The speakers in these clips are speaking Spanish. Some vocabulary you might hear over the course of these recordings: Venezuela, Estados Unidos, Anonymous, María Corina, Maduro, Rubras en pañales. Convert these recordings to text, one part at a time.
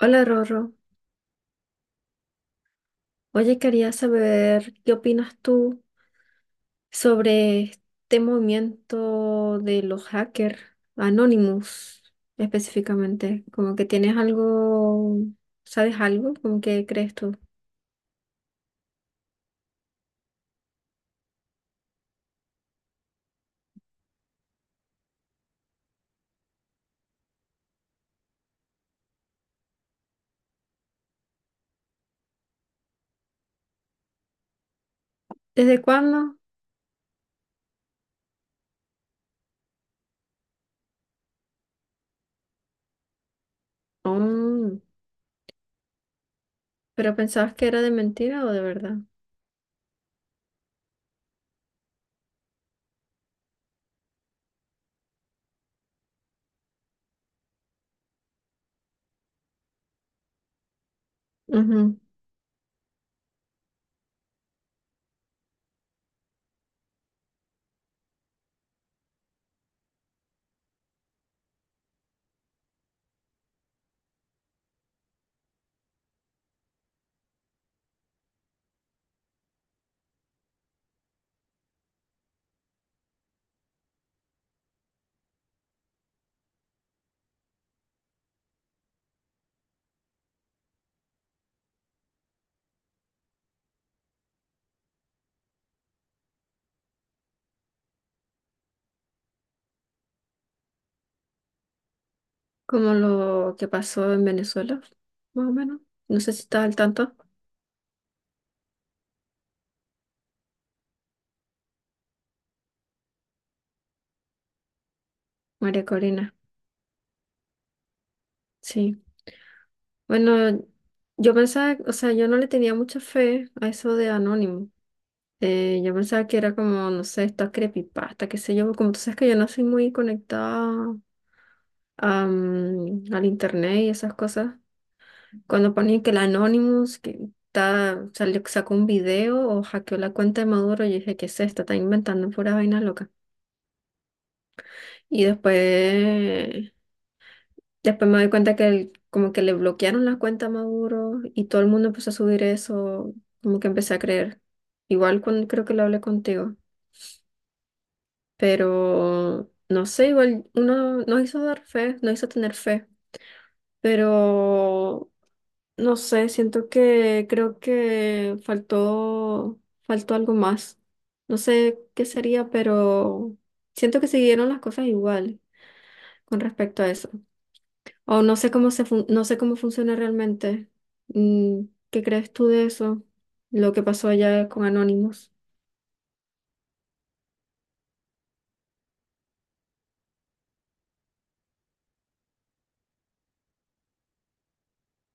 Hola Rorro, oye, quería saber qué opinas tú sobre este movimiento de los hackers Anonymous específicamente, como que tienes algo, ¿sabes algo? ¿Como que crees tú? ¿Desde cuándo? Mm, ¿pero pensabas que era de mentira o de verdad? Ujú. Como lo que pasó en Venezuela, más o menos. No sé si estás al tanto. María Corina. Sí. Bueno, yo pensaba, o sea, yo no le tenía mucha fe a eso de Anónimo. Yo pensaba que era como, no sé, esta creepypasta, qué sé yo. Como tú sabes que yo no soy muy conectada a, al internet y esas cosas. Cuando ponen que el Anonymous que está, salió, sacó un video o hackeó la cuenta de Maduro, yo dije, ¿qué es esto? Está inventando pura vaina loca. Y después después me doy cuenta que como que le bloquearon la cuenta a Maduro y todo el mundo empezó a subir eso, como que empecé a creer. Igual cuando creo que lo hablé contigo, pero no sé, igual uno nos hizo dar fe, nos hizo tener fe, pero no sé, siento que creo que faltó algo más. No sé qué sería, pero siento que siguieron las cosas igual con respecto a eso. O no sé cómo no sé cómo funciona realmente. Mm, ¿qué crees tú de eso? Lo que pasó allá con Anonymous.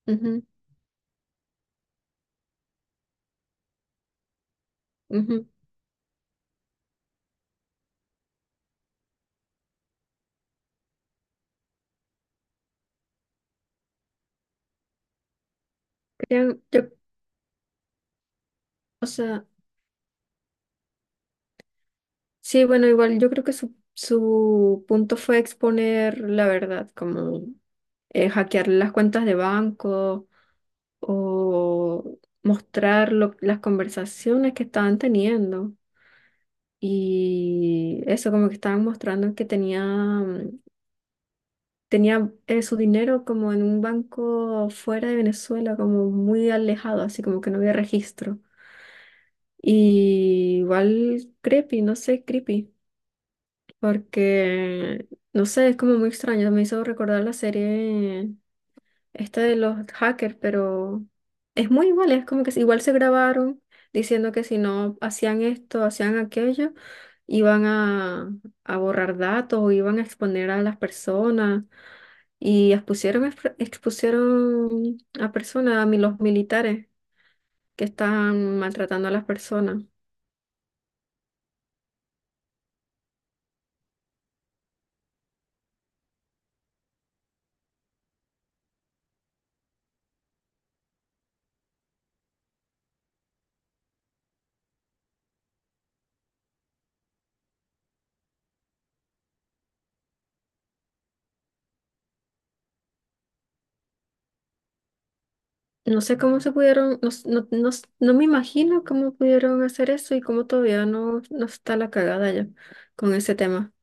Ujú, ujú. Creo- yo- o sea, sí, bueno, igual yo creo que su punto fue exponer la verdad, como hackear las cuentas de banco o mostrar las conversaciones que estaban teniendo. Y eso como que estaban mostrando que tenía tenía su dinero como en un banco fuera de Venezuela, como muy alejado, así como que no había registro. Y igual creepy, no sé, creepy, porque, no sé, es como muy extraño, me hizo recordar la serie esta de los hackers, pero es muy igual, es como que igual se grabaron diciendo que si no hacían esto, hacían aquello, iban a, a borrar datos o iban a exponer a las personas. Y expusieron, expusieron a personas, a los militares que estaban maltratando a las personas. No sé cómo se pudieron, no me imagino cómo pudieron hacer eso y cómo todavía no está la cagada ya con ese tema.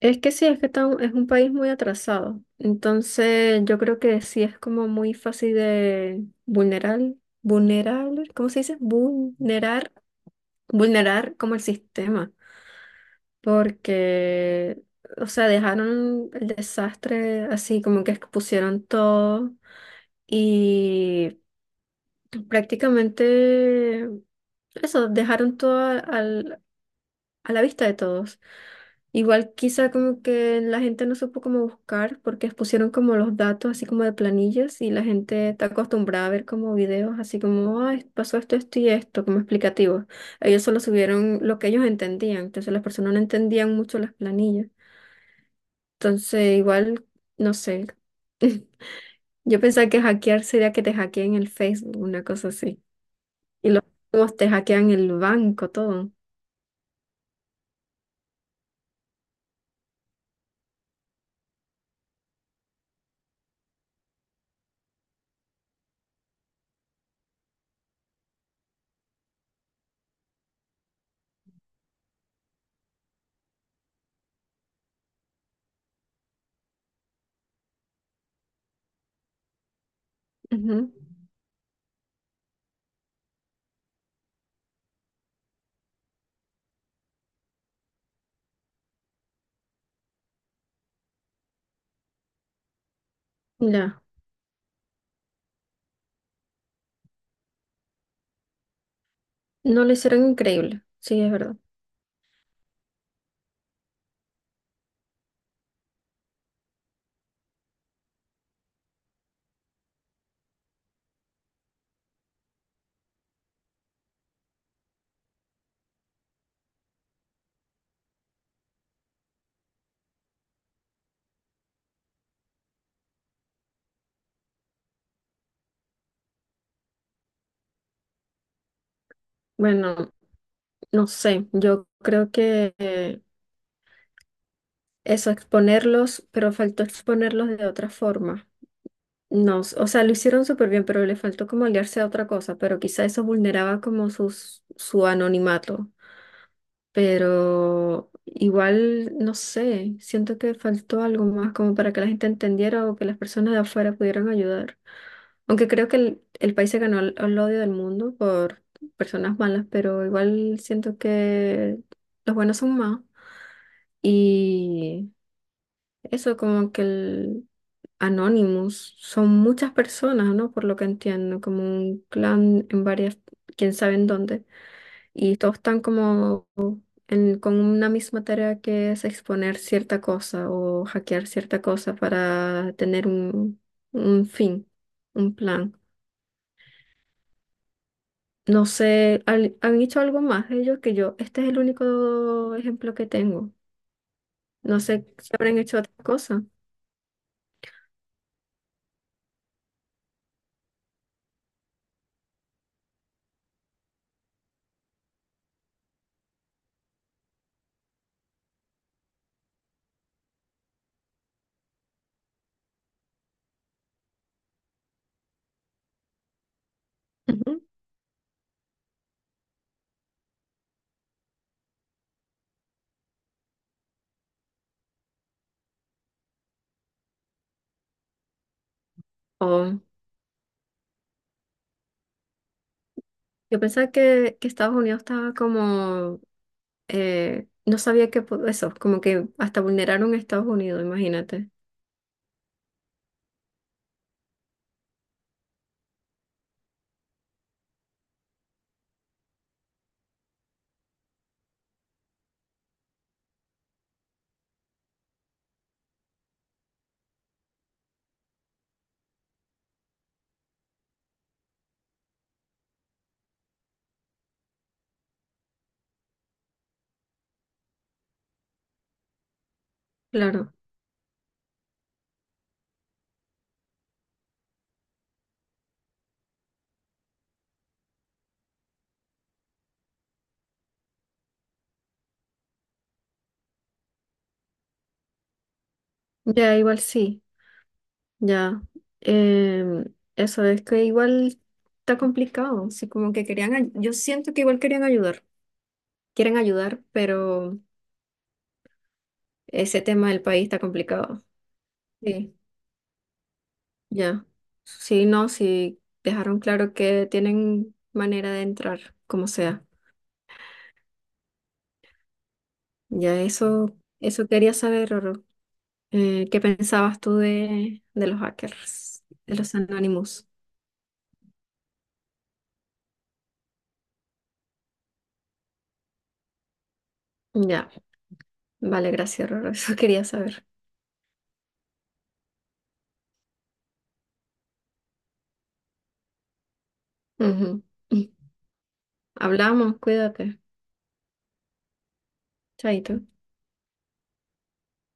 Es que sí, es que está es un país muy atrasado. Entonces yo creo que sí es como muy fácil de vulnerar, ¿cómo se dice? Vulnerar como el sistema. Porque, o sea, dejaron el desastre así como que expusieron todo y prácticamente eso, dejaron todo a la vista de todos. Igual quizá como que la gente no supo cómo buscar porque expusieron como los datos así como de planillas y la gente está acostumbrada a ver como videos así como, ay, pasó esto, esto y esto, como explicativos. Ellos solo subieron lo que ellos entendían, entonces las personas no entendían mucho las planillas. Entonces, igual, no sé. Yo pensaba que hackear sería que te hackeen el Facebook, una cosa así. Y los juegos te hackean el banco, todo. Ujú. Ya, no lo hicieron increíble, sí, es verdad. Bueno, no sé, yo creo que eso, exponerlos, pero faltó exponerlos de otra forma. No, o sea, lo hicieron súper bien, pero le faltó como aliarse a otra cosa, pero quizá eso vulneraba como su anonimato. Pero igual, no sé, siento que faltó algo más como para que la gente entendiera o que las personas de afuera pudieran ayudar. Aunque creo que el país se ganó el odio del mundo por personas malas, pero igual siento que los buenos son más. Y eso como que el Anonymous son muchas personas, ¿no? Por lo que entiendo, como un clan en varias, quién sabe en dónde. Y todos están como con una misma tarea que es exponer cierta cosa o hackear cierta cosa para tener un fin, un plan. No sé, han hecho algo más ellos que yo. Este es el único ejemplo que tengo. No sé si habrán hecho otra cosa. Ujú. O yo pensaba que Estados Unidos estaba como, no sabía que eso, como que hasta vulneraron a Estados Unidos, imagínate. Claro. Ya, igual sí. Ya, em, eso es que igual está complicado, así como que querían, ay- yo siento que igual querían ayudar, quieren ayudar, pero ese tema del país está complicado. Sí, ya, sí, no, sí, dejaron claro que tienen manera de entrar, como sea. Ya eso quería saber, Roro. ¿Qué pensabas tú de los hackers, de los anónimos? Ya, vale, gracias, Roro, eso quería saber. Ujú. Hablamos, cuídate. Chaito.